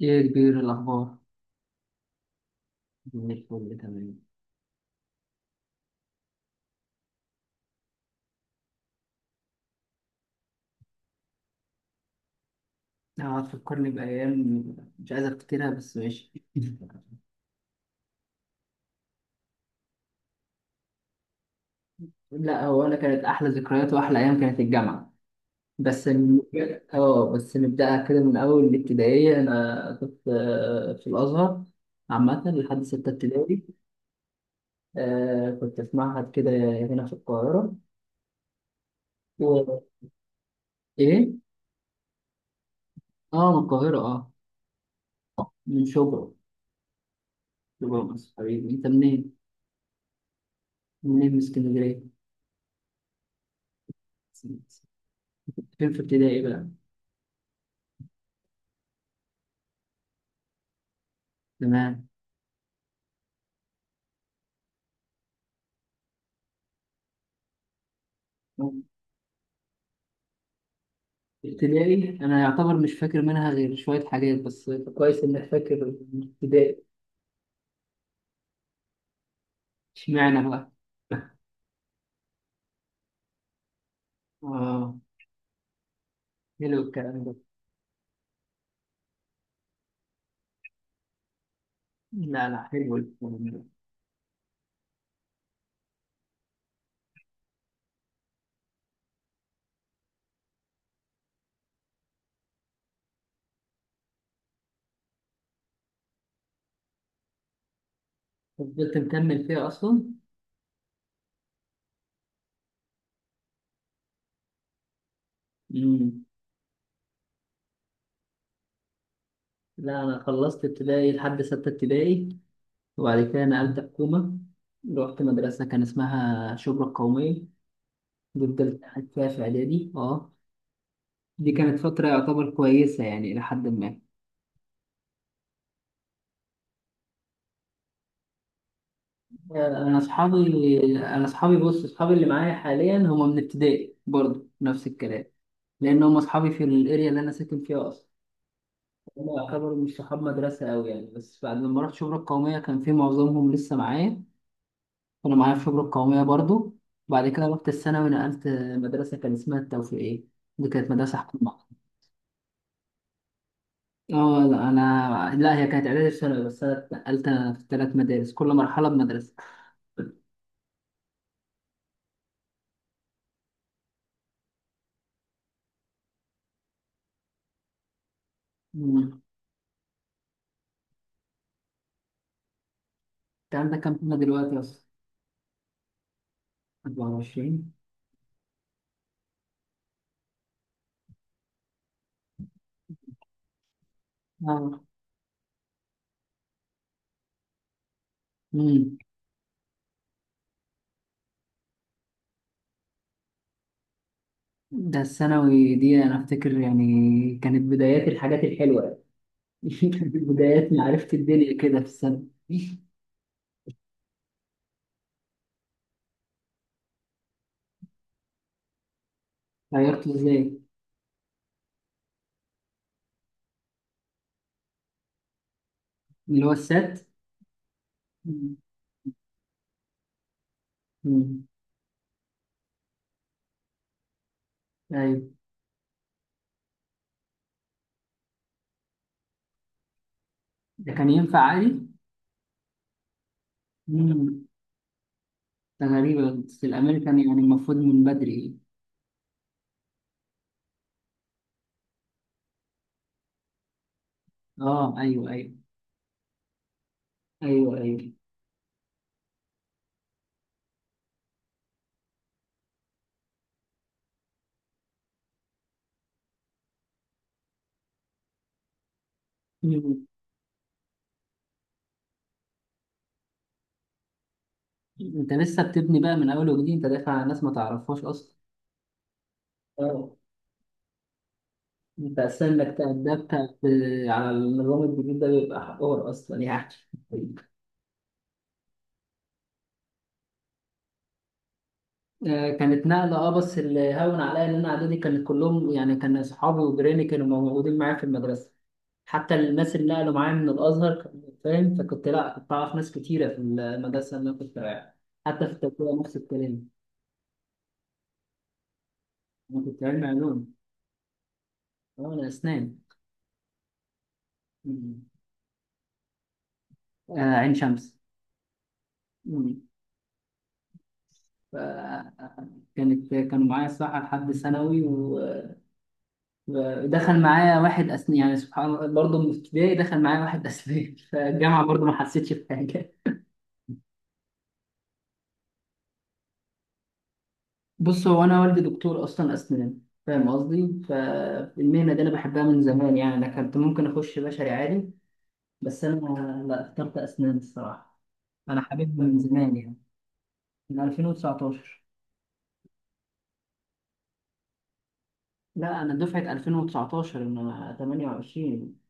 ايه يا كبير، الاخبار؟ زي الفل، تمام. اه، تفكرني بايام. مش عايز افتكرها، بس ماشي. لا، هو انا كانت احلى ذكريات واحلى ايام كانت الجامعه. بس ن- اه، بس نبداها كده من اول الابتدائيه. انا كنت في الازهر عامه لحد سته ابتدائي. كنت في معهد كده، هنا في القاهره. و... ايه. اه، من القاهره، اه. من شبرا. شبرا مصر. حبيبي، انت منين؟ منين من اسكندريه؟ فين في ابتدائي بقى؟ تمام. ابتدائي انا يعتبر مش فاكر منها غير شويه حاجات، بس كويس انك فاكر ابتدائي. اشمعنى بقى؟ اه. حلو الكلام ده. لا لا، حلو الكلام ده. فضلت مكمل فيها اصلا. مم. لا، انا خلصت ابتدائي لحد سته ابتدائي. وبعد كده نقلت حكومه. رحت مدرسه كان اسمها شبرا القوميه دي. فضلت قاعد فيها في اعدادي، اه. دي كانت فتره يعتبر كويسه يعني الى حد ما. انا اصحابي انا اصحابي، بص، اصحابي اللي معايا حاليا هم من ابتدائي برضه، نفس الكلام. لان هم اصحابي في الاريا اللي انا ساكن فيها اصلا. هم يعتبروا مش صحاب مدرسه قوي يعني، بس بعد ما رحت شبرا القوميه كان في معظمهم لسه معايا. كانوا معايا في شبرا القوميه برضه. وبعد كده رحت الثانوي، نقلت مدرسه كان اسمها التوفيقيه. دي كانت مدرسه حكومه. اه، لا، انا لا هي كانت اعدادي في ثانوي، بس انا اتنقلت في ثلاث مدارس، كل مرحله بمدرسه. مم. انت عندك كام سنه دلوقتي اصلا؟ 24. مم. ده الثانوي دي انا افتكر يعني كانت بدايات الحاجات الحلوه. كانت بدايات معرفه الدنيا كده في السنه. غيرته ازاي؟ اللي هو السات. مم. مم. ايوه. ده كان ينفع عادي؟ مم. ده غريبه، بس الامريكان يعني المفروض من بدري. اه، ايوه ايوه. ايوه ايوه. مم. انت لسه بتبني بقى من اول وجديد، انت داخل على ناس ما تعرفهاش اصلا. بس انك تأدبت. على النظام الجديد ده بيبقى حوار اصلا يعني. كانت نقلة، اه. بس اللي هون عليا ان انا اعدادي كانت كلهم يعني، كان اصحابي وجيراني كانوا موجودين معايا في المدرسة. حتى الناس اللي نقلوا معايا من الازهر كانوا، فاهم؟ فكنت لا، كنت اعرف ناس كتيرة في المدرسة اللي انا كنت رايحها. حتى في التربية نفس الكلام. انا كنت علمي علوم. اه، انا اسنان. مم. آه، عين شمس. مم. ف- كانوا معايا الصراحة لحد ثانوي، و دخل معايا واحد أسنان، يعني سبحان الله، برضه من ابتدائي دخل معايا واحد أسنان. فالجامعة برضه ما حسيتش بحاجة. بص، هو أنا والدي دكتور أصلا أسنان، فاهم قصدي؟ فالمهنة دي أنا بحبها من زمان يعني. أنا كنت ممكن أخش بشري عادي، بس أنا، لا، اخترت أسنان الصراحة. أنا حاببها من زمان يعني، من 2019. لا، أنا دفعة 2019، أنا 28.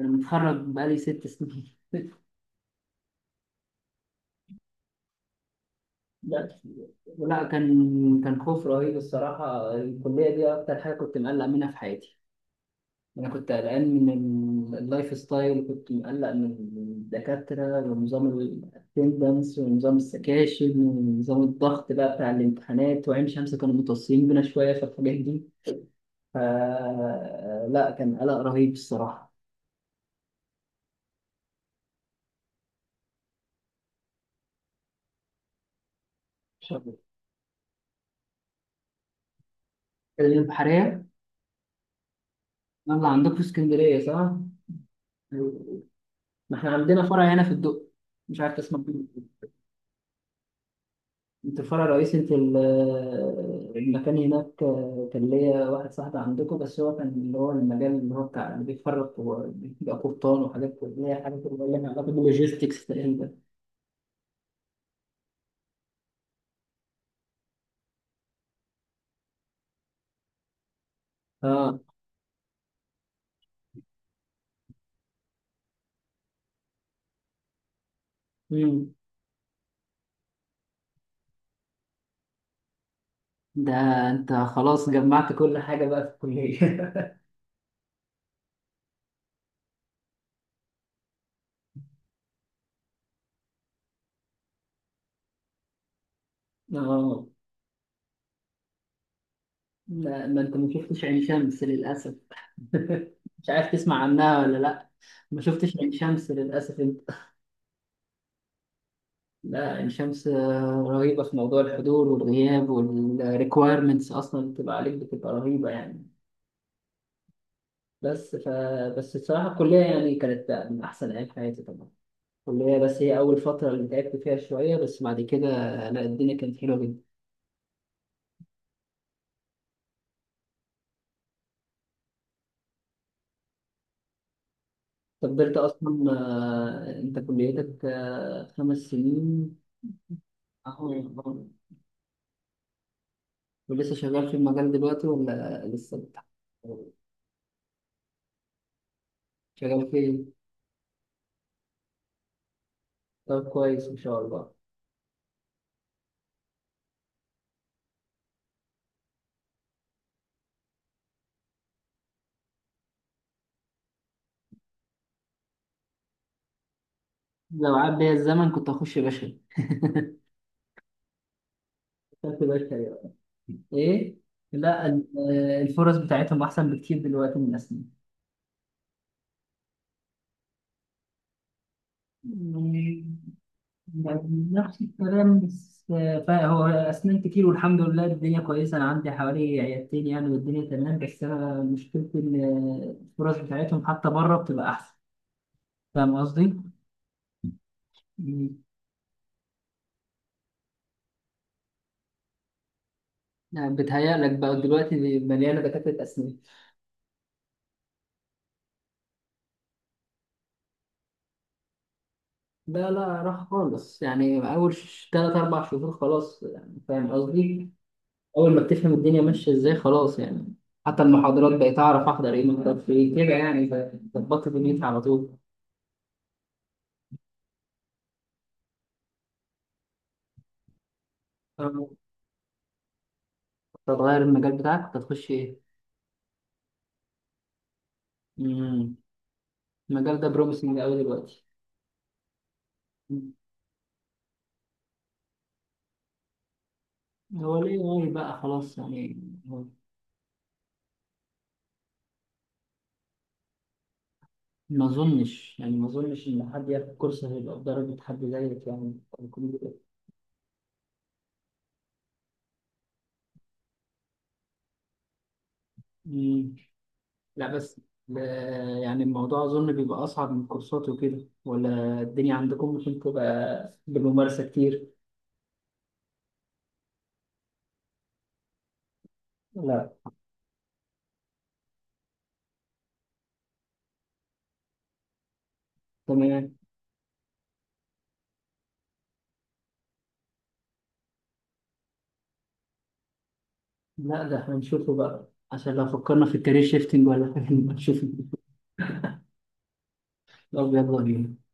أنا متخرج بقالي ست سنين. لا لا، كان خوف رهيب الصراحة. الكلية دي أكتر حاجة كنت مقلق منها في حياتي. أنا كنت قلقان من اللايف ستايل، كنت مقلق من الدكاترة ونظام الاتندنس ونظام السكاشن ونظام الضغط بقى بتاع الامتحانات، وعين شمس كانوا متوصيين بينا شوية في الحاجات دي. ف لا، كان قلق رهيب الصراحة. شغل. البحرية. يلا، عندكم في اسكندرية، صح؟ ما احنا عندنا فرع هنا في الدق، مش عارف تسمع عنه. انت في فرع رئيسي، انت المكان هناك كان ليا واحد صاحبي عندكم، بس هو كان اللي هو المجال اللي هو بتاع اللي بيتفرج وبيبقى قبطان وحاجات كده، اللي هي حاجات اللي هي لها علاقة باللوجيستكس تقريبا. اه. مم. ده انت خلاص جمعت كل حاجة بقى في الكلية. اه. لا، ما انت ما شفتش عين شمس للأسف. مش عارف تسمع عنها ولا لا؟ ما شفتش عين شمس للأسف انت. لا، الشمس رهيبة في موضوع الحضور والغياب والريكويرمنتس، أصلا اللي بتبقى عليك بتبقى رهيبة يعني. بس ف بس الصراحة الكلية يعني كانت من أحسن أيام حياتي طبعا. الكلية بس هي أول فترة اللي تعبت فيها شوية، بس بعد كده لا، الدنيا كانت حلوة جدا. أنت فضلت أصلا أنت كليتك خمس سنين. أهو أهو. ولسه شغال في المجال دلوقتي ولا لسه؟ شغال فين؟ طب كويس إن شاء الله. لو عاد بيا الزمن كنت هخش بشري. خدت بالك، أيوة. ايه. لا الفرص بتاعتهم احسن بكتير دلوقتي من اسنان. يعني نفس الكلام، بس فهو اسنان كتير، والحمد لله الدنيا كويسه، انا عندي حوالي عيادتين يعني، والدنيا تمام. بس انا مشكلتي ان الفرص بتاعتهم حتى بره بتبقى احسن. فاهم قصدي؟ مم. يعني بتهيألك بقى دلوقتي مليانه دكاتره اسنان. لا لا، راح خالص يعني. اول ثلاث اربع شهور خلاص يعني، فاهم قصدي؟ اول ما بتفهم الدنيا ماشيه ازاي خلاص يعني، حتى المحاضرات بقيت اعرف احضر ايه محضر في ايه كده يعني. ظبطت دنيتي على طول. آه، كنت هتغير المجال بتاعك، كنت هتخش ايه؟ امم. المجال ده بروميسنج قوي دلوقتي. مم. هو ليه غالي بقى خلاص يعني. هو- ما اظنش يعني ما اظنش ان حد ياخد كورس هيبقى بدرجه حد زيك يعني، أو يكون مم. لا بس، لا، يعني الموضوع اظن بيبقى اصعب من كورسات وكده، ولا الدنيا عندكم ممكن تبقى بالممارسه كتير؟ لا. تمام. لا، ده هنشوفه بقى عشان لو فكرنا في الكارير شيفتنج ولا حاجة نبقى نشوف. طب يلا بينا.